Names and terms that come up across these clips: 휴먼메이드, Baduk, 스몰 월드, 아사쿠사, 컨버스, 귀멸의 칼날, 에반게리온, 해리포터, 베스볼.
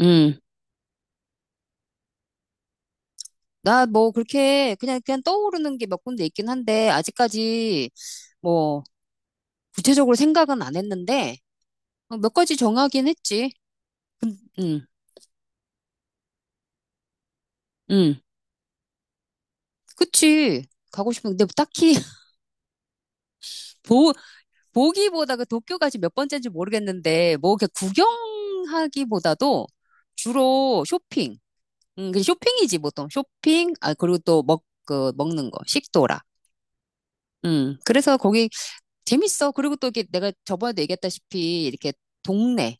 음. 나 뭐 그렇게 그냥 떠오르는 게 몇 군데 있긴 한데 아직까지 뭐 구체적으로 생각은 안 했는데 몇 가지 정하긴 했지. 응, 응. 그치. 가고 싶은 근데 딱히 보 보기보다 그 도쿄가 지몇 번째인지 모르겠는데 뭐 이렇게 구경하기보다도 주로 쇼핑. 응, 그 쇼핑이지 보통 쇼핑. 아 그리고 또 먹 그 먹는 거 식도락. 응. 그래서 거기 재밌어. 그리고 또 이게 내가 저번에도 얘기했다시피 이렇게 동네,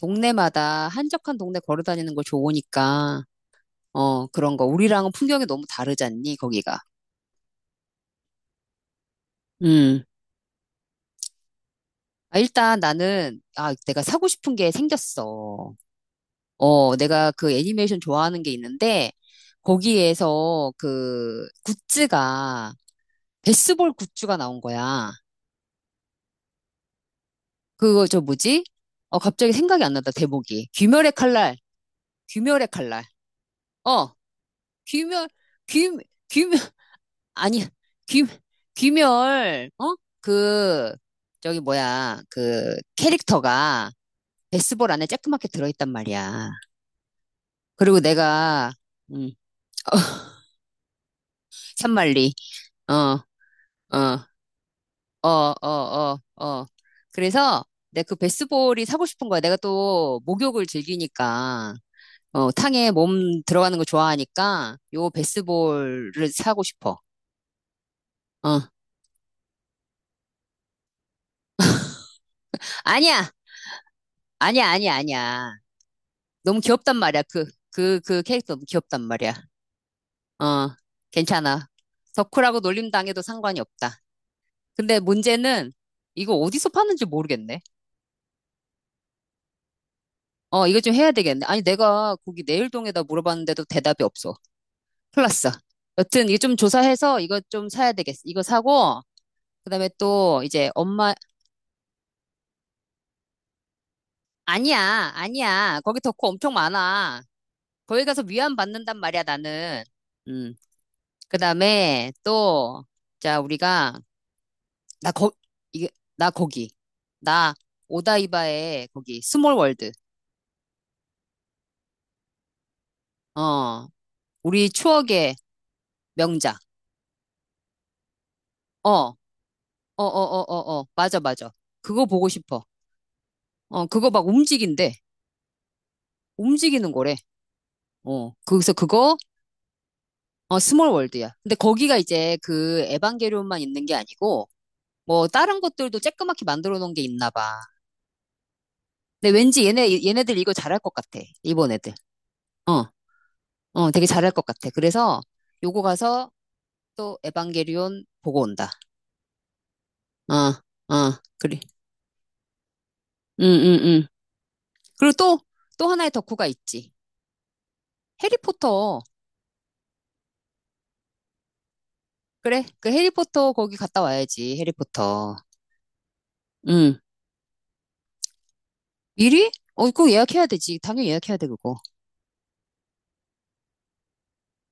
동네마다 한적한 동네 걸어 다니는 거 좋으니까, 그런 거. 우리랑은 풍경이 너무 다르잖니, 거기가. 음. 아, 일단 나는, 아, 내가 사고 싶은 게 생겼어. 내가 그 애니메이션 좋아하는 게 있는데, 거기에서 베스볼 굿즈가 나온 거야. 그거 저 뭐지? 갑자기 생각이 안 난다, 대목이 귀멸의 칼날. 어. 귀멸, 귀, 귀멸, 아니, 귀, 귀멸, 어? 그, 저기 뭐야, 그 캐릭터가 베스볼 안에 쬐끄맣게 들어있단 말이야. 그리고 내가, 음, 어, 산말리, 어, 어, 어, 어, 어, 어. 그래서 내 그 베스볼이 사고 싶은 거야. 내가 또 목욕을 즐기니까, 탕에 몸 들어가는 거 좋아하니까 요 베스볼을 사고 싶어. 어, 아니야, 아니야, 아니야, 아니야. 너무 귀엽단 말이야. 그 캐릭터 너무 귀엽단 말이야. 어, 괜찮아. 덕후라고 놀림 당해도 상관이 없다. 근데 문제는 이거 어디서 파는지 모르겠네. 이거 좀 해야 되겠네. 아니, 내가 거기 내일동에다 물어봤는데도 대답이 없어. 플러스. 여튼 이거 좀 조사해서 이거 좀 사야 되겠어. 이거 사고, 그다음에 또 이제 엄마, 아니야, 아니야. 거기 덕후 엄청 많아. 거기 가서 위안 받는단 말이야, 나는. 음. 그다음에 또, 자, 우리가 나 이게, 나 거기. 나 오다이바의 거기, 스몰 월드. 어, 우리 추억의 명작. 어, 어, 맞아, 맞아. 그거 보고 싶어. 그거 막 움직인대. 움직이는 거래. 거기서 그거, 스몰 월드야. 근데 거기가 이제 그 에반게리온만 있는 게 아니고, 뭐, 다른 것들도 쬐끄맣게 만들어 놓은 게 있나 봐. 근데 왠지 얘네들 이거 잘할 것 같아. 일본 애들. 어, 되게 잘할 것 같아. 그래서 요거 가서 또 에반게리온 보고 온다. 아, 아, 그래. 응, 응, 응. 그리고 또, 하나의 덕후가 있지. 해리포터. 그래, 그 해리포터 거기 갔다 와야지, 해리포터. 응. 미리? 그거 예약해야 되지. 당연히 예약해야 돼, 그거.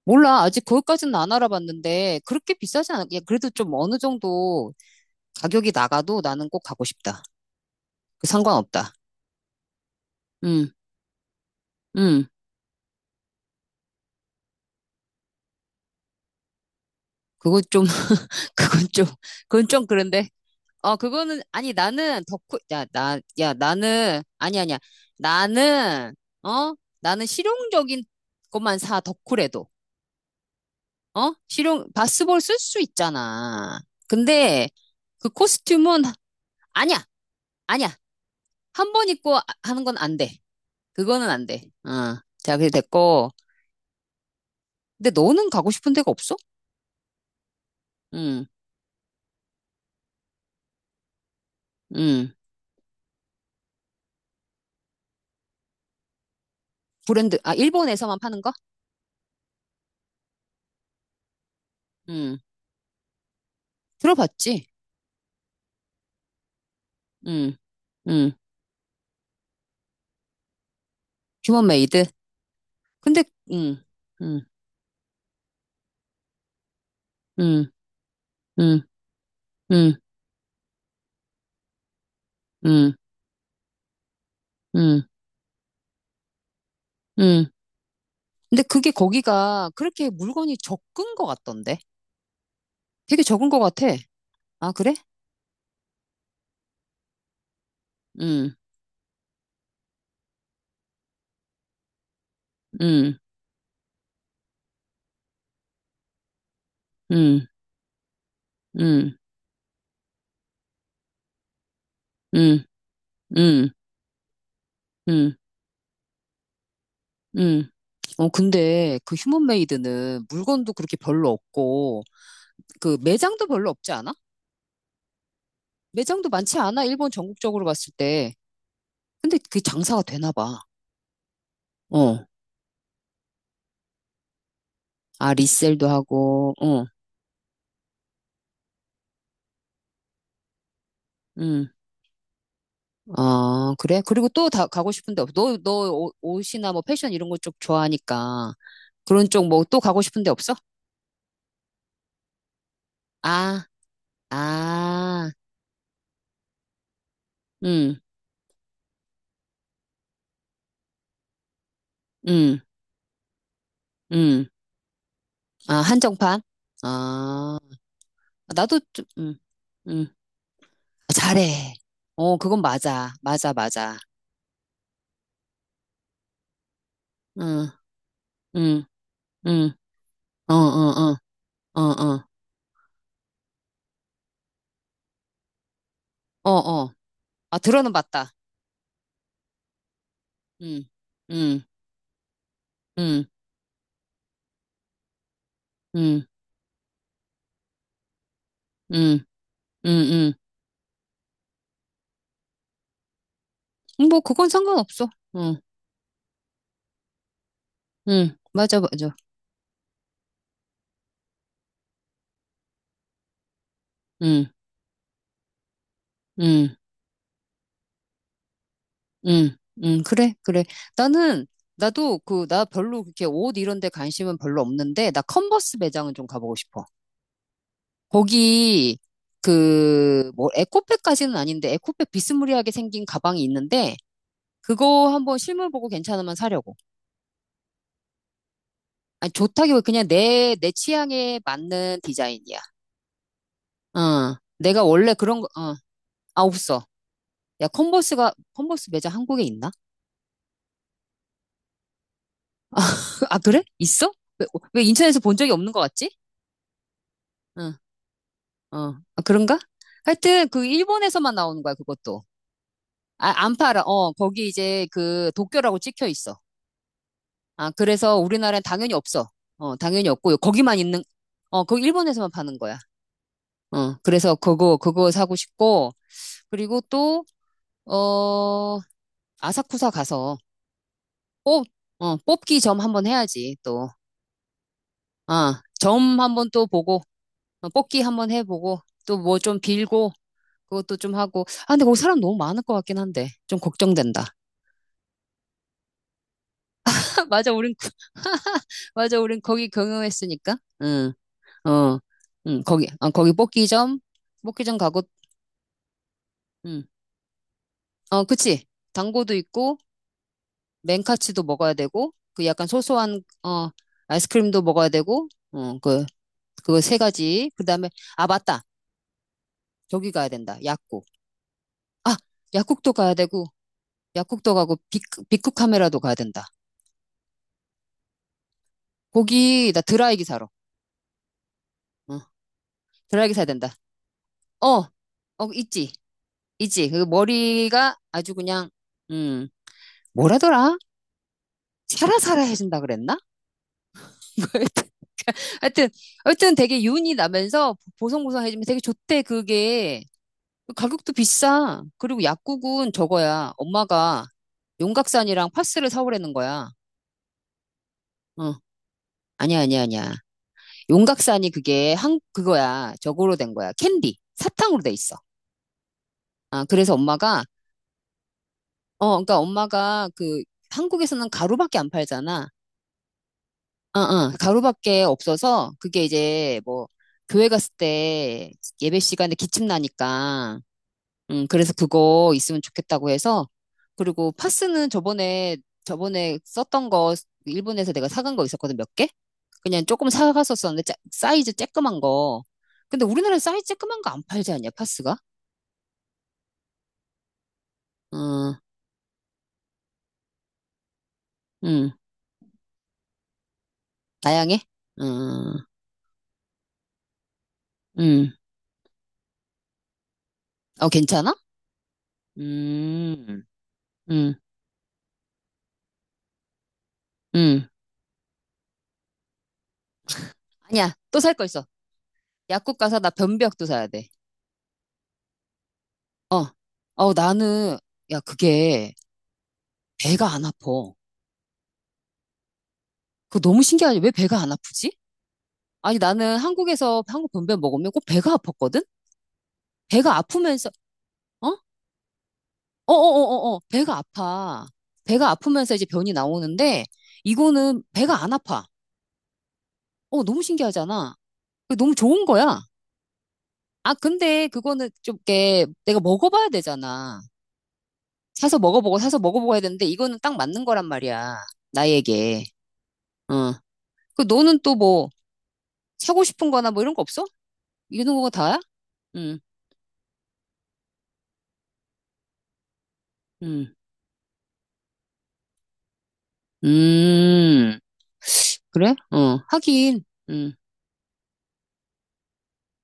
몰라. 아직 거기까지는 안 알아봤는데, 그렇게 비싸진 않아. 야, 그래도 좀 어느 정도 가격이 나가도 나는 꼭 가고 싶다. 그 상관없다. 응, 응. 그건 좀, 그건 좀, 그건 좀 그런데. 그거는, 아니, 나는 덕후, 야, 나, 야, 나는, 아니, 아니야. 나는, 어? 나는 실용적인 것만 사, 덕후래도. 어? 실용, 바스볼 쓸 수 있잖아. 근데 그 코스튬은, 아니야, 아니야. 한 번 입고 하는 건 안 돼. 그거는 안 돼. 자, 그게 됐고. 근데 너는 가고 싶은 데가 없어? 응, 응. 브랜드, 아, 일본에서만 파는 거? 응. 들어봤지? 응, 응. 휴먼메이드. 근데, 응, 응. 음, 음, 음, 음, 음, 음. 근데 그게 거기가 그렇게 물건이 적은 것 같던데? 되게 적은 것 같아. 아, 그래? 음, 음, 음, 음, 음, 음, 음, 음. 근데 그 휴먼메이드는 물건도 그렇게 별로 없고, 그 매장도 별로 없지 않아? 매장도 많지 않아? 일본 전국적으로 봤을 때. 근데 그 장사가 되나 봐. 어. 아, 리셀도 하고, 응. 아, 그래? 그리고 또 다 가고 싶은데 없어. 너 옷이나 뭐 패션 이런 거 쪽 좋아하니까. 그런 쪽 뭐 또 가고 싶은데 없어? 아, 아, 음, 음, 음. 아, 한정판? 아, 나도 좀, 음. 아, 잘해. 그건 맞아. 맞아, 맞아. 응, 응, 응. 어, 어, 어, 어, 어, 어, 어. 아, 들어는 봤다. 응, 응, 응, 응, 응, 응, 응. 뭐, 그건 상관없어. 응. 응, 맞아, 맞아. 응, 응, 응, 응, 그래, 그래. 나는, 나도 그, 나 별로 그렇게 옷 이런 데 관심은 별로 없는데, 나 컨버스 매장은 좀 가보고 싶어. 거기, 그, 뭐, 에코백까지는 아닌데, 에코백 비스무리하게 생긴 가방이 있는데, 그거 한번 실물 보고 괜찮으면 사려고. 아니, 좋다기보다 그냥 내 취향에 맞는 디자인이야. 내가 원래 그런 거, 아, 없어. 야, 컨버스 매장 한국에 있나? 아, 아, 그래? 있어? 왜, 왜 인천에서 본 적이 없는 것 같지? 응, 어. 아, 그런가? 하여튼, 그, 일본에서만 나오는 거야, 그것도. 아, 안 팔아. 거기 이제 그, 도쿄라고 찍혀 있어. 아, 그래서 우리나라엔 당연히 없어. 당연히 없고, 거기만 있는, 거기 일본에서만 파는 거야. 그래서 그거 사고 싶고, 그리고 또, 어, 아사쿠사 가서 뽑, 뽑기 점 한번 해야지, 또. 아, 점 한번 또 보고, 뽑기 한번 해보고, 또 뭐 좀 빌고, 그것도 좀 하고. 아, 근데 거기 사람 너무 많을 것 같긴 한데. 좀 걱정된다. 맞아, 우린, 맞아, 우린 거기 경영했으니까. 응, 어, 응, 거기, 거기 뽑기점 가고, 응, 그치. 당고도 있고, 맨카츠도 먹어야 되고, 그 약간 소소한, 아이스크림도 먹어야 되고, 그 세 가지. 그 다음에, 아, 맞다. 저기 가야 된다. 약국. 아, 약국도 가야 되고, 약국도 가고, 빅쿠 카메라도 가야 된다. 거기, 나 드라이기 사러. 어, 드라이기 사야 된다. 어, 있지, 있지. 그 머리가 아주 그냥, 음, 뭐라더라? 사라사라 해준다 그랬나? 뭐 하여튼, 하여튼 되게 윤이 나면서 보송보송해지면 되게 좋대, 그게. 가격도 비싸. 그리고 약국은 저거야. 엄마가 용각산이랑 파스를 사오라는 거야. 어, 아니야, 아니야, 아니야. 용각산이 그게 그거야. 저거로 된 거야. 캔디. 사탕으로 돼 있어. 아, 그래서 그러니까 엄마가 그 한국에서는 가루밖에 안 팔잖아. 가루밖에 없어서 그게 이제 뭐 교회 갔을 때 예배 시간에 기침 나니까 그래서 그거 있으면 좋겠다고 해서 그리고 파스는 저번에 썼던 거 일본에서 내가 사간 거 있었거든 몇 개? 그냥 조금 사갔었었는데 사이즈 쬐끄만 거. 근데 우리나라에 사이즈 쬐끄만 거 안 팔지 않냐 파스가? 어 음 다양해? 어 음, 어 괜찮아? 음, 음, 음 아니야 또 살 거 있어. 약국 가서 나 변비약도 사야 돼. 어. 나는, 야, 그게 배가 안 아파. 그거 너무 신기하지? 왜 배가 안 아프지? 아니, 나는 한국에서 한국 변비약 먹으면 꼭 배가 아팠거든? 배가 아프면서, 어? 어어어어어, 배가 아파. 배가 아프면서 이제 변이 나오는데, 이거는 배가 안 아파. 너무 신기하잖아. 그 너무 좋은 거야. 아, 근데 그거는 좀, 이렇게 내가 먹어봐야 되잖아. 사서 먹어보고, 사서 먹어보고 해야 되는데, 이거는 딱 맞는 거란 말이야. 나에게. 어. 그 너는 또 뭐 사고 싶은 거나 뭐 이런 거 없어? 이런 거 다야? 응, 응, 음, 그래? 하긴, 응,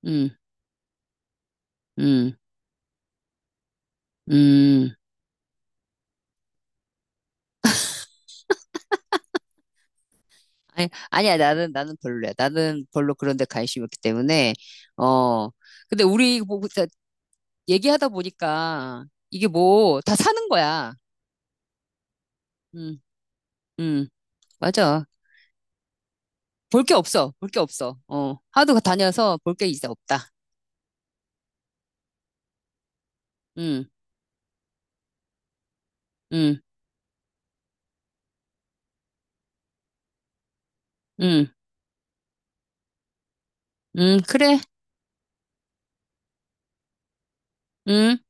응, 응, 응. 아니, 아니야, 나는 별로야. 나는 별로 그런 데 관심이 없기 때문에, 어. 근데 우리 뭐, 진짜 얘기하다 보니까 이게 뭐, 다 사는 거야. 응, 응, 맞아. 볼 게 없어. 볼 게 없어. 하도 다녀서 볼 게 이제 없다. 응, 응, 응, 응, 그래. 응.